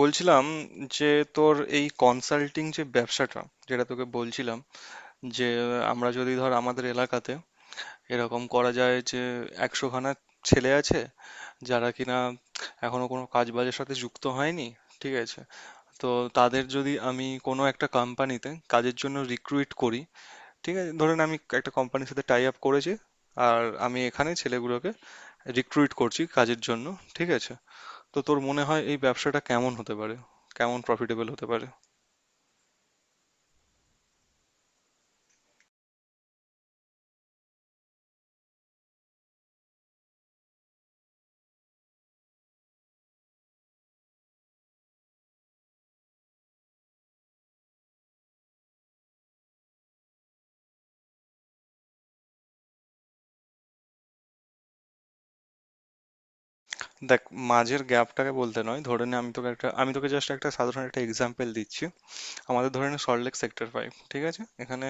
বলছিলাম যে তোর এই কনসাল্টিং যে ব্যবসাটা, যেটা তোকে বলছিলাম, যে আমরা যদি ধর আমাদের এলাকাতে এরকম করা যায় যে একশোখানা ছেলে আছে যারা কিনা এখনো কোনো কাজ বাজের সাথে যুক্ত হয়নি। ঠিক আছে, তো তাদের যদি আমি কোনো একটা কোম্পানিতে কাজের জন্য রিক্রুইট করি। ঠিক আছে, ধরেন আমি একটা কোম্পানির সাথে টাই আপ করেছি, আর আমি এখানে ছেলেগুলোকে রিক্রুইট করছি কাজের জন্য। ঠিক আছে, তো তোর মনে হয় এই ব্যবসাটা কেমন হতে পারে, কেমন প্রফিটেবল হতে পারে? দেখ, মাঝের গ্যাপটাকে বলতে নয়, ধরে নে, আমি তোকে জাস্ট একটা সাধারণ একটা এক্সাম্পল দিচ্ছি। আমাদের ধরে নে সল্টলেক সেক্টর ফাইভ, ঠিক আছে? এখানে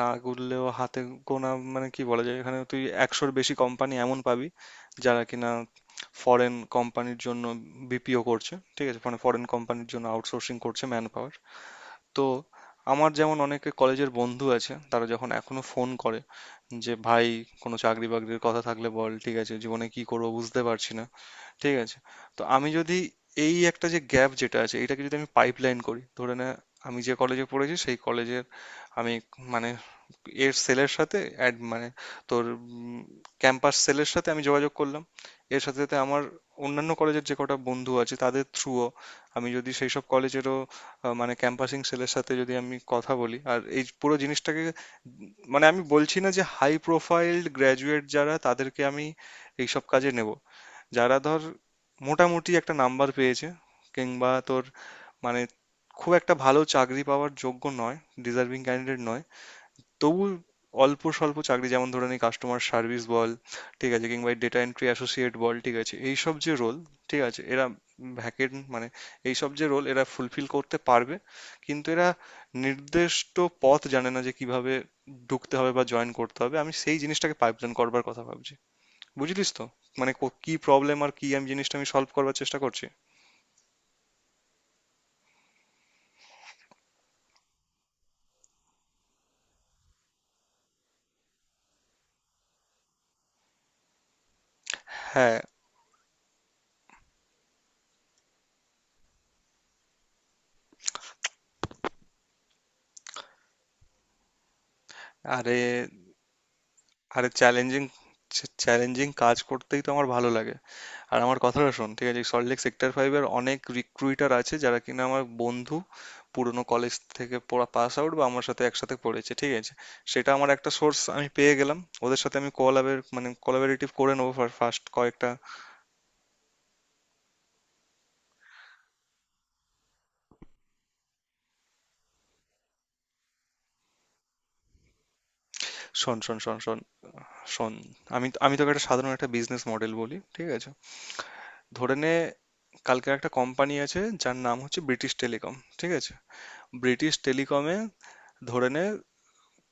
না গুনলেও হাতে গোনা, মানে কি বলা যায়, এখানে তুই একশোর বেশি কোম্পানি এমন পাবি যারা কিনা ফরেন কোম্পানির জন্য বিপিও করছে। ঠিক আছে, মানে ফরেন কোম্পানির জন্য আউটসোর্সিং করছে ম্যান পাওয়ার। তো আমার যেমন অনেকে কলেজের বন্ধু আছে, তারা যখন এখনো ফোন করে যে ভাই কোনো চাকরি বাকরির কথা থাকলে বল, ঠিক আছে, জীবনে কি করবো বুঝতে পারছি না। ঠিক আছে? তো আমি যদি এই একটা যে গ্যাপ যেটা আছে এটাকে যদি আমি পাইপলাইন করি, ধরে নে আমি যে কলেজে পড়েছি সেই কলেজের আমি, মানে এর সেলের সাথে অ্যাড, মানে তোর ক্যাম্পাস সেলের সাথে আমি যোগাযোগ করলাম। এর সাথে সাথে আমার অন্যান্য কলেজের যে কটা বন্ধু আছে তাদের থ্রুও আমি যদি সেই সব কলেজেরও মানে ক্যাম্পাসিং সেলের সাথে যদি আমি কথা বলি আর এই পুরো জিনিসটাকে। মানে আমি বলছি না যে হাই প্রোফাইল গ্র্যাজুয়েট যারা তাদেরকে আমি এইসব কাজে নেব। যারা ধর মোটামুটি একটা নাম্বার পেয়েছে কিংবা তোর, মানে খুব একটা ভালো চাকরি পাওয়ার যোগ্য নয়, ডিজার্ভিং ক্যান্ডিডেট নয়, তবু অল্প স্বল্প চাকরি, যেমন ধরে নি কাস্টমার সার্ভিস বল, ঠিক আছে, কিংবা ডেটা এন্ট্রি অ্যাসোসিয়েট বল, ঠিক আছে, এইসব যে রোল, ঠিক আছে, এরা ভ্যাকেন্ট, মানে এইসব যে রোল এরা ফুলফিল করতে পারবে, কিন্তু এরা নির্দিষ্ট পথ জানে না যে কিভাবে ঢুকতে হবে বা জয়েন করতে হবে। আমি সেই জিনিসটাকে পাইপলাইন করবার কথা ভাবছি, বুঝলিস তো? মানে কি প্রবলেম আর কি আমি জিনিসটা আমি সলভ করার চেষ্টা করছি। হ্যাঁ, আরে, আরে চ্যালেঞ্জিং চ্যালেঞ্জিং কাজ করতেই তো আমার ভালো লাগে। আর আমার কথাটা শোন, ঠিক আছে, সল্টলেক সেক্টর ফাইভের অনেক রিক্রুইটার আছে যারা কিনা আমার বন্ধু, পুরনো কলেজ থেকে পড়া পাস আউট বা আমার সাথে একসাথে পড়েছে। ঠিক আছে, সেটা আমার একটা সোর্স আমি পেয়ে গেলাম। ওদের সাথে আমি কোলাবের, মানে কোলাবরেটিভ করে নেবো ফার্স্ট কয়েকটা। শোন শোন শোন শোন শোন আমি আমি তোকে একটা সাধারণ একটা বিজনেস মডেল বলি, ঠিক আছে? ধরে নে কালকের একটা কোম্পানি আছে যার নাম হচ্ছে ব্রিটিশ টেলিকম। ঠিক আছে, ব্রিটিশ টেলিকমে ধরে নে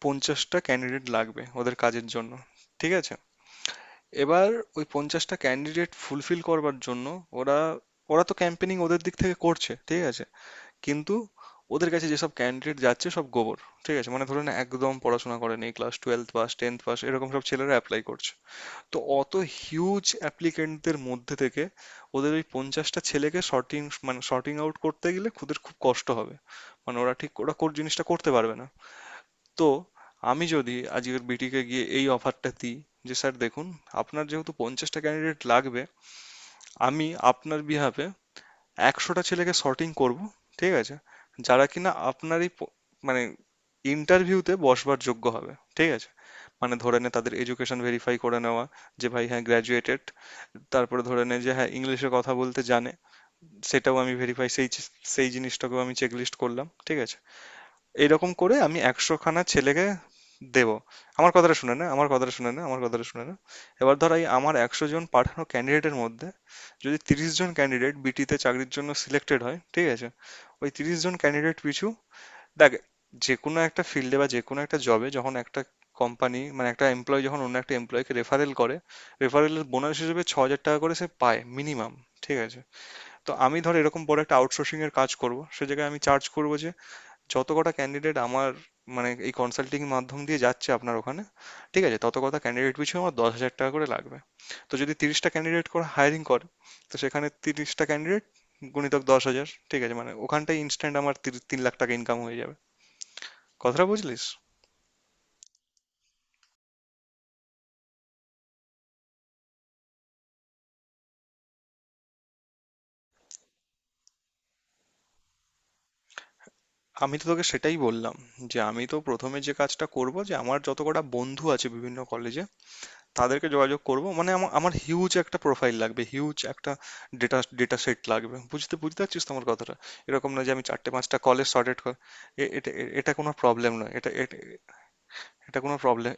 পঞ্চাশটা ক্যান্ডিডেট লাগবে ওদের কাজের জন্য। ঠিক আছে, এবার ওই পঞ্চাশটা ক্যান্ডিডেট ফুলফিল করবার জন্য ওরা ওরা তো ক্যাম্পেনিং ওদের দিক থেকে করছে। ঠিক আছে, কিন্তু ওদের কাছে যেসব ক্যান্ডিডেট যাচ্ছে সব গোবর। ঠিক আছে, মানে ধরে নে একদম পড়াশোনা করেনি, class twelve pass, tenth pass, এরকম সব ছেলেরা অ্যাপ্লাই করছে। তো অত হিউজ অ্যাপ্লিকেন্টদের মধ্যে থেকে ওদের ওই পঞ্চাশটা ছেলেকে সর্টিং, মানে সর্টিং আউট করতে গেলে ওদের খুব কষ্ট হবে। মানে ওরা ঠিক, ওরা কোর জিনিসটা করতে পারবে না। তো আমি যদি আজকের বিটিকে গিয়ে এই অফারটা দিই যে স্যার দেখুন, আপনার যেহেতু পঞ্চাশটা ক্যান্ডিডেট লাগবে, আমি আপনার বিহাফে একশোটা ছেলেকে সর্টিং করব। ঠিক আছে, যারা কিনা আপনার এই মানে ইন্টারভিউতে বসবার যোগ্য হবে। ঠিক আছে, মানে ধরে নে তাদের এডুকেশন ভেরিফাই করে নেওয়া, যে ভাই হ্যাঁ গ্র্যাজুয়েটেড, তারপরে ধরে নে যে হ্যাঁ ইংলিশে কথা বলতে জানে, সেটাও আমি ভেরিফাই, সেই সেই জিনিসটাকেও আমি চেকলিস্ট করলাম। ঠিক আছে, এইরকম করে আমি একশোখানা ছেলেকে দেব। আমার কথাটা শুনে না, আমার কথাটা শুনে না, আমার কথাটা শুনে না। এবার ধর এই আমার একশো জন পাঠানো ক্যান্ডিডেটের মধ্যে যদি তিরিশ জন ক্যান্ডিডেট বিটিতে চাকরির জন্য সিলেক্টেড হয়। ঠিক আছে, ওই তিরিশ জন ক্যান্ডিডেট পিছু, দেখ, যেকোনো একটা ফিল্ডে বা যেকোনো একটা জবে যখন একটা কোম্পানি, মানে একটা এমপ্লয় যখন অন্য একটা এমপ্লয়কে রেফারেল করে, রেফারেলের বোনাস হিসেবে ছ হাজার টাকা করে সে পায় মিনিমাম। ঠিক আছে, তো আমি ধর এরকম বড় একটা আউটসোর্সিং এর কাজ করব, সে জায়গায় আমি চার্জ করব যে যত কটা ক্যান্ডিডেট আমার, মানে এই কনসাল্টিং মাধ্যম দিয়ে যাচ্ছে আপনার ওখানে, ঠিক আছে, তত কটা ক্যান্ডিডেট পিছু আমার দশ হাজার টাকা করে লাগবে। তো যদি তিরিশটা ক্যান্ডিডেট করে হায়ারিং করে, তো সেখানে তিরিশটা ক্যান্ডিডেট গুণিতক দশ হাজার, ঠিক আছে, মানে ওখানটায় ইনস্ট্যান্ট আমার তিন লাখ টাকা ইনকাম হয়ে যাবে। কথাটা বুঝলিস? আমি তো তোকে সেটাই বললাম যে আমি তো প্রথমে যে কাজটা করব যে আমার যত কটা বন্ধু আছে বিভিন্ন কলেজে তাদেরকে যোগাযোগ করব। মানে আমার আমার হিউজ একটা প্রোফাইল লাগবে, হিউজ একটা ডেটা ডেটা সেট লাগবে, বুঝতে বুঝতে পারছিস তোমার কথাটা? এরকম না যে আমি চারটে পাঁচটা কলেজ সর্টেড কর। এটা কোনো প্রবলেম নয়, এটা এটা এটা কোনো প্রবলেম।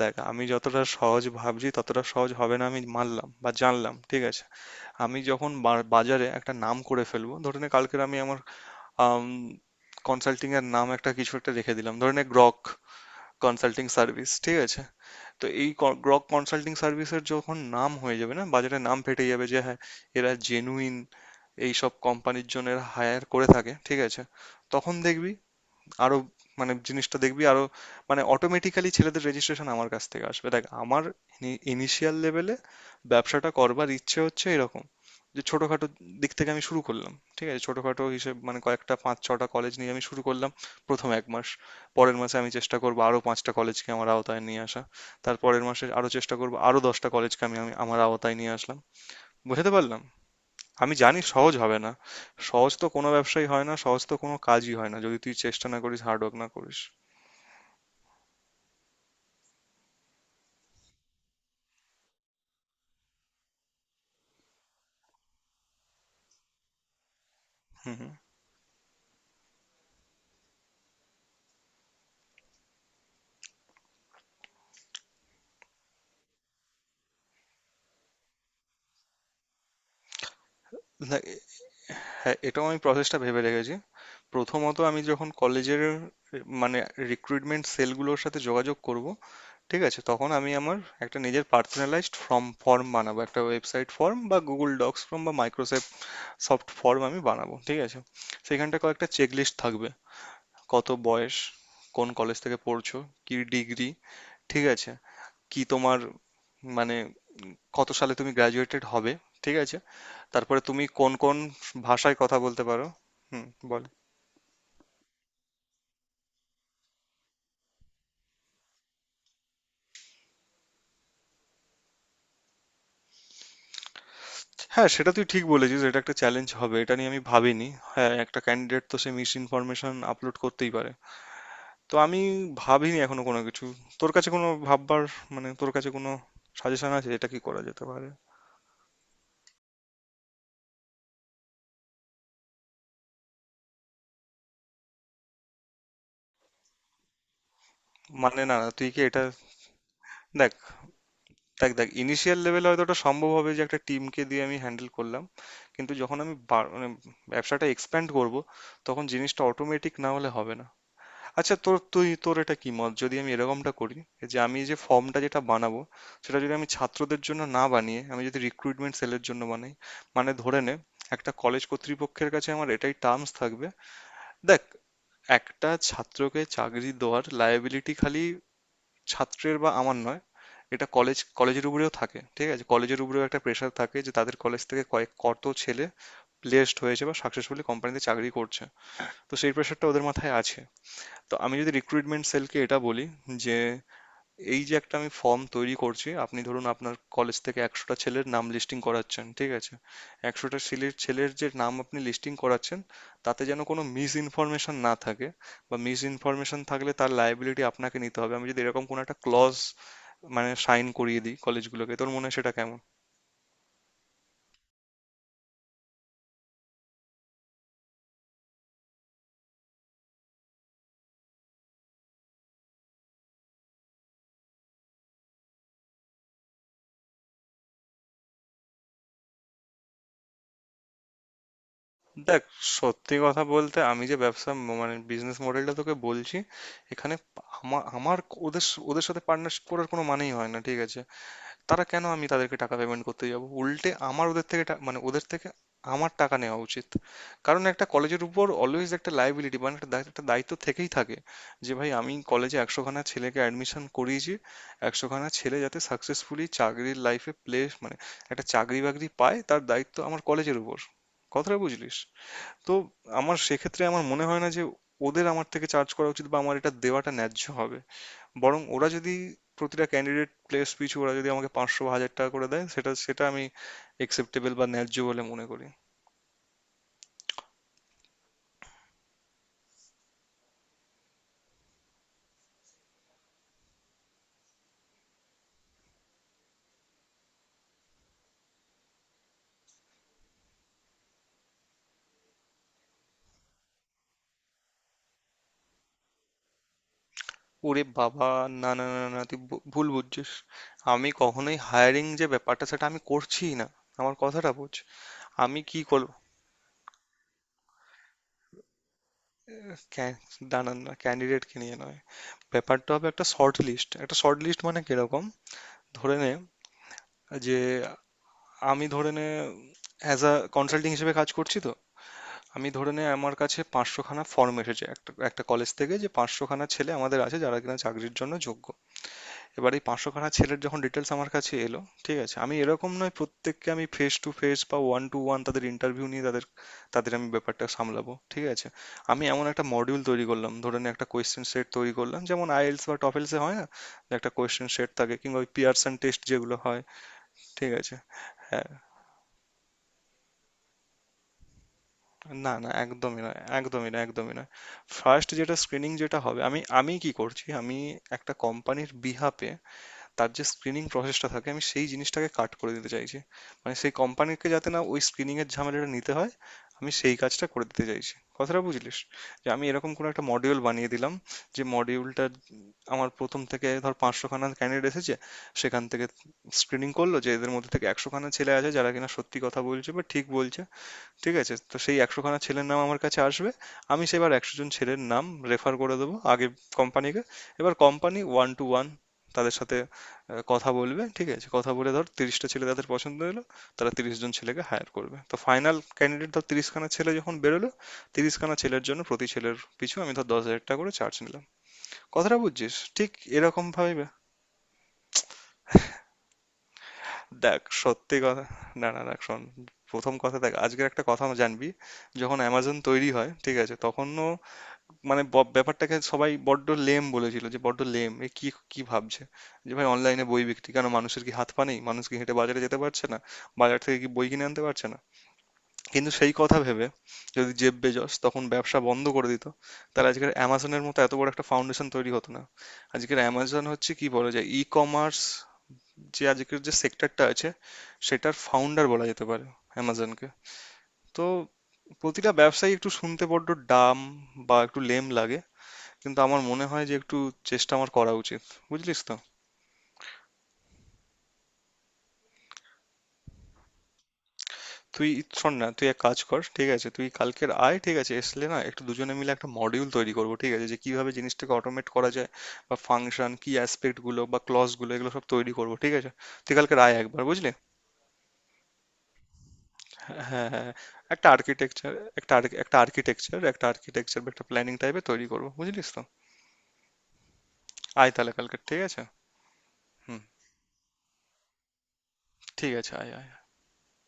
দেখ, আমি যতটা সহজ ভাবছি ততটা সহজ হবে না, আমি মানলাম বা জানলাম। ঠিক আছে, আমি যখন বাজারে একটা নাম করে ফেলবো, ধরে নে কালকের আমি আমার আম কনসাল্টিং এর নাম একটা কিছু একটা রেখে দিলাম, ধরে নে গ্রক কনসাল্টিং সার্ভিস। ঠিক আছে, তো এই গ্রক কনসাল্টিং সার্ভিসের যখন নাম হয়ে যাবে না, বাজারে নাম ফেটে যাবে, যে হ্যাঁ এরা জেনুইন এইসব কোম্পানির জন্য হায়ার করে থাকে। ঠিক আছে, তখন দেখবি আরো, মানে জিনিসটা দেখবি আরো, মানে অটোমেটিক্যালি ছেলেদের রেজিস্ট্রেশন আমার কাছ থেকে আসবে। দেখ, আমার ইনিশিয়াল লেভেলে ব্যবসাটা করবার ইচ্ছে হচ্ছে এরকম, যে ছোটখাটো দিক থেকে আমি শুরু করলাম। ঠিক আছে, ছোটখাটো হিসেব, মানে কয়েকটা পাঁচ ছটা কলেজ নিয়ে আমি শুরু করলাম প্রথম এক মাস। পরের মাসে আমি চেষ্টা করবো আরো পাঁচটা কলেজকে আমার আওতায় নিয়ে আসা, তারপরের মাসে আরো চেষ্টা করবো আরো দশটা কলেজকে আমি আমি আমার আওতায় নিয়ে আসলাম। বুঝতে পারলাম, আমি জানি সহজ হবে না। সহজ তো কোনো ব্যবসাই হয় না, সহজ তো কোনো কাজই হয় না যদি তুই চেষ্টা না করিস, হার্ড ওয়ার্ক না করিস। হুম, হুম। না, হ্যাঁ, এটাও আমি প্রসেসটা ভেবে রেখেছি। প্রথমত আমি যখন কলেজের, মানে রিক্রুটমেন্ট সেলগুলোর সাথে যোগাযোগ করব, ঠিক আছে? তখন আমি আমার একটা নিজের পার্সোনালাইজড ফর্ম ফর্ম বানাবো। একটা ওয়েবসাইট ফর্ম বা Google Docs ফর্ম বা Microsoft সফট ফর্ম আমি বানাবো, ঠিক আছে? সেখানটায় কয়েকটা চেকলিস্ট থাকবে। কত বয়স, কোন কলেজ থেকে পড়ছো, কি ডিগ্রি, ঠিক আছে? কি তোমার, মানে কত সালে তুমি গ্র্যাজুয়েটেড হবে, ঠিক আছে? তারপরে তুমি কোন কোন ভাষায় কথা বলতে পারো। হুম, বল। হ্যাঁ, সেটা তুই ঠিক বলেছিস, এটা একটা চ্যালেঞ্জ হবে, এটা নিয়ে আমি ভাবিনি। হ্যাঁ, একটা ক্যান্ডিডেট তো সে মিস ইনফরমেশন আপলোড করতেই পারে। তো আমি ভাবিনি এখনো কোনো কিছু। তোর কাছে কোনো ভাববার, মানে তোর কাছে কোনো সাজেশন আছে, এটা কি করা যেতে পারে? মানে না না, তুই কি এটা, দেখ, দেখ ইনিশিয়াল লেভেলে হয়তো ওটা সম্ভব হবে যে একটা টিমকে দিয়ে আমি হ্যান্ডেল করলাম, কিন্তু যখন আমি মানে ব্যবসাটা এক্সপ্যান্ড করব, তখন জিনিসটা অটোমেটিক না হলে হবে না। আচ্ছা তোর, তুই তোর এটা কি মত যদি আমি এরকমটা করি, যে আমি যে ফর্মটা যেটা বানাবো সেটা যদি আমি ছাত্রদের জন্য না বানিয়ে আমি যদি রিক্রুটমেন্ট সেলের জন্য বানাই? মানে ধরে নে একটা কলেজ কর্তৃপক্ষের কাছে আমার এটাই টার্মস থাকবে। দেখ, একটা ছাত্রকে চাকরি দেওয়ার লায়াবিলিটি খালি ছাত্রের বা আমার নয়, এটা কলেজের উপরেও থাকে। ঠিক আছে, কলেজের উপরেও একটা প্রেশার থাকে, যে তাদের কলেজ থেকে কয়েক কত ছেলে প্লেসড হয়েছে বা সাকসেসফুলি কোম্পানিতে চাকরি করছে। তো সেই প্রেশারটা ওদের মাথায় আছে। তো আমি যদি রিক্রুটমেন্ট সেলকে এটা বলি যে এই যে একটা আমি ফর্ম তৈরি করছি, আপনি ধরুন আপনার কলেজ থেকে একশোটা ছেলের নাম লিস্টিং করাচ্ছেন, ঠিক আছে, একশোটা ছেলের ছেলের যে নাম আপনি লিস্টিং করাচ্ছেন তাতে যেন কোনো মিস ইনফরমেশন না থাকে, বা মিস ইনফরমেশন থাকলে তার লাইবিলিটি আপনাকে নিতে হবে। আমি যদি এরকম কোনো একটা ক্লজ, মানে শাইন করিয়ে দিই কলেজগুলোকে, তোর মনে হয় সেটা কেমন? দেখ, সত্যি কথা বলতে আমি যে ব্যবসা মানে বিজনেস মডেলটা তোকে বলছি, এখানে আমার আমার ওদের ওদের সাথে পার্টনারশিপ করার কোনো মানেই হয় না। ঠিক আছে, তারা কেন, আমি তাদেরকে টাকা পেমেন্ট করতে যাব? উল্টে আমার ওদের থেকে মানে ওদের থেকে আমার টাকা নেওয়া উচিত। কারণ একটা কলেজের উপর অলওয়েজ একটা লাইবিলিটি, মানে একটা একটা দায়িত্ব থেকেই থাকে, যে ভাই আমি কলেজে একশোখানা ছেলেকে অ্যাডমিশন করিয়েছি, একশোখানা ছেলে যাতে সাকসেসফুলি চাকরির লাইফে প্লেস, মানে একটা চাকরি বাকরি পায় তার দায়িত্ব আমার কলেজের উপর। কথাটা বুঝলিস তো? আমার সেক্ষেত্রে আমার মনে হয় না যে ওদের আমার থেকে চার্জ করা উচিত বা আমার এটা দেওয়াটা ন্যায্য হবে, বরং ওরা যদি প্রতিটা ক্যান্ডিডেট প্লেস পিছু ওরা যদি আমাকে পাঁচশো বা হাজার টাকা করে দেয়, সেটা সেটা আমি একসেপ্টেবল বা ন্যায্য বলে মনে করি। ওরে বাবা, না না না না, তুই ভুল বুঝছিস। আমি কখনোই হায়ারিং যে ব্যাপারটা সেটা আমি করছিই না। আমার কথাটা বোঝ, আমি কি করব। ক্যা- দাঁড়ান না, ক্যান্ডিডেটকে নিয়ে নয়। ব্যাপারটা হবে একটা শর্ট লিস্ট, একটা শর্ট লিস্ট মানে কিরকম, ধরে নে যে আমি ধরে নে অ্যাজ আ কনসাল্টিং হিসেবে কাজ করছি। তো আমি ধরে নে আমার কাছে পাঁচশোখানা ফর্ম এসেছে একটা একটা কলেজ থেকে, যে পাঁচশোখানা ছেলে আমাদের আছে যারা কিনা চাকরির জন্য যোগ্য। এবার এই পাঁচশোখানা ছেলের যখন ডিটেলস আমার কাছে এলো, ঠিক আছে, আমি এরকম নয় প্রত্যেককে আমি ফেস টু ফেস বা ওয়ান টু ওয়ান তাদের ইন্টারভিউ নিয়ে তাদের তাদের আমি ব্যাপারটা সামলাবো। ঠিক আছে, আমি এমন একটা মডিউল তৈরি করলাম, ধরে নে একটা কোয়েশ্চেন সেট তৈরি করলাম, যেমন আইএলস বা টফেলসে হয় না, যে একটা কোয়েশ্চেন সেট থাকে, কিংবা ওই পিয়ারসন টেস্ট যেগুলো হয়, ঠিক আছে। না, না একদমই নয়, একদমই না, একদমই নয়। ফার্স্ট যেটা স্ক্রিনিং যেটা হবে, আমি আমি কি করছি, আমি একটা কোম্পানির বিহাফে তার যে স্ক্রিনিং প্রসেসটা থাকে আমি সেই জিনিসটাকে কাট করে দিতে চাইছি। মানে সেই কোম্পানিকে যাতে না ওই স্ক্রিনিং এর ঝামেলাটা নিতে হয়, আমি সেই কাজটা করে দিতে চাইছি। কথাটা বুঝলিস? যে আমি এরকম কোনো একটা মডিউল বানিয়ে দিলাম, যে মডিউলটা আমার প্রথম থেকে ধর পাঁচশো খানা ক্যান্ডিডেট এসেছে, সেখান থেকে স্ক্রিনিং করলো যে এদের মধ্যে থেকে একশো খানা ছেলে আছে যারা কিনা সত্যি কথা বলছে বা ঠিক বলছে। ঠিক আছে? তো সেই ১০০ খানা ছেলের নাম আমার কাছে আসবে। আমি সেবার ১০০ জন ছেলের নাম রেফার করে দেবো আগে কোম্পানিকে। এবার কোম্পানি one to one তাদের সাথে কথা বলবে, ঠিক আছে? কথা বলে ধর ৩০ টা ছেলে তাদের পছন্দ হলো, তারা ৩০ জন ছেলেকে হায়ার করবে। তো ফাইনাল ক্যান্ডিডেট ধর ৩০ খানা ছেলে যখন বেরোলো, ৩০ খানা ছেলের জন্য প্রতি ছেলের পিছু আমি ধর ৳১০,০০০ করে চার্জ নিলাম। কথাটা বুঝছিস? ঠিক এরকমভাবেই দেখ, সত্যি কথা, না, না, দেখ শোন, ১ম কথা দেখ, আজকের একটা কথা জানবি, যখন Amazon তৈরি হয়, ঠিক আছে? তখনও, মানে ব্যাপারটাকে সবাই বড্ড লেম বলেছিল, যে বড্ড লেম, এ কি কি ভাবছে, যে ভাই অনলাইনে বই বিক্রি, কেন মানুষের কি হাত পা নেই? মানুষ কি হেঁটে বাজারে যেতে পারছে না, বাজার থেকে কি বই কিনে আনতে পারছে না? কিন্তু সেই কথা ভেবে যদি জেব বেজস তখন ব্যবসা বন্ধ করে দিত, তাহলে আজকের অ্যামাজনের মতো এত বড় একটা ফাউন্ডেশন তৈরি হতো না। আজকের অ্যামাজন হচ্ছে, কি বলা যায়, ই কমার্স, যে আজকের যে সেক্টরটা আছে সেটার ফাউন্ডার বলা যেতে পারে অ্যামাজনকে। তো প্রতিটা ব্যবসায়ী একটু শুনতে বড্ড ডাম বা একটু লেম লাগে, কিন্তু আমার মনে হয় যে একটু চেষ্টা আমার করা উচিত, বুঝলিস তো। তুই শোন না, তুই এক কাজ কর, ঠিক আছে, তুই কালকের আয়, ঠিক আছে, এসলে না, একটু দুজনে মিলে একটা মডিউল তৈরি করবো, ঠিক আছে, যে কিভাবে জিনিসটাকে অটোমেট করা যায়, বা ফাংশন কি অ্যাসপেক্ট গুলো বা ক্লজ গুলো, এগুলো সব তৈরি করবো, ঠিক আছে? তুই কালকের আয় একবার, বুঝলি? হ্যাঁ, হ্যাঁ, একটা আর্কিটেকচার, একটা একটা আর্কিটেকচার, একটা আর্কিটেকচার বা একটা প্ল্যানিং টাইপের তৈরি করবো, বুঝলিস তো। আয় তাহলে কালকে, ঠিক আছে। হুম, ঠিক আছে, আয় আয়।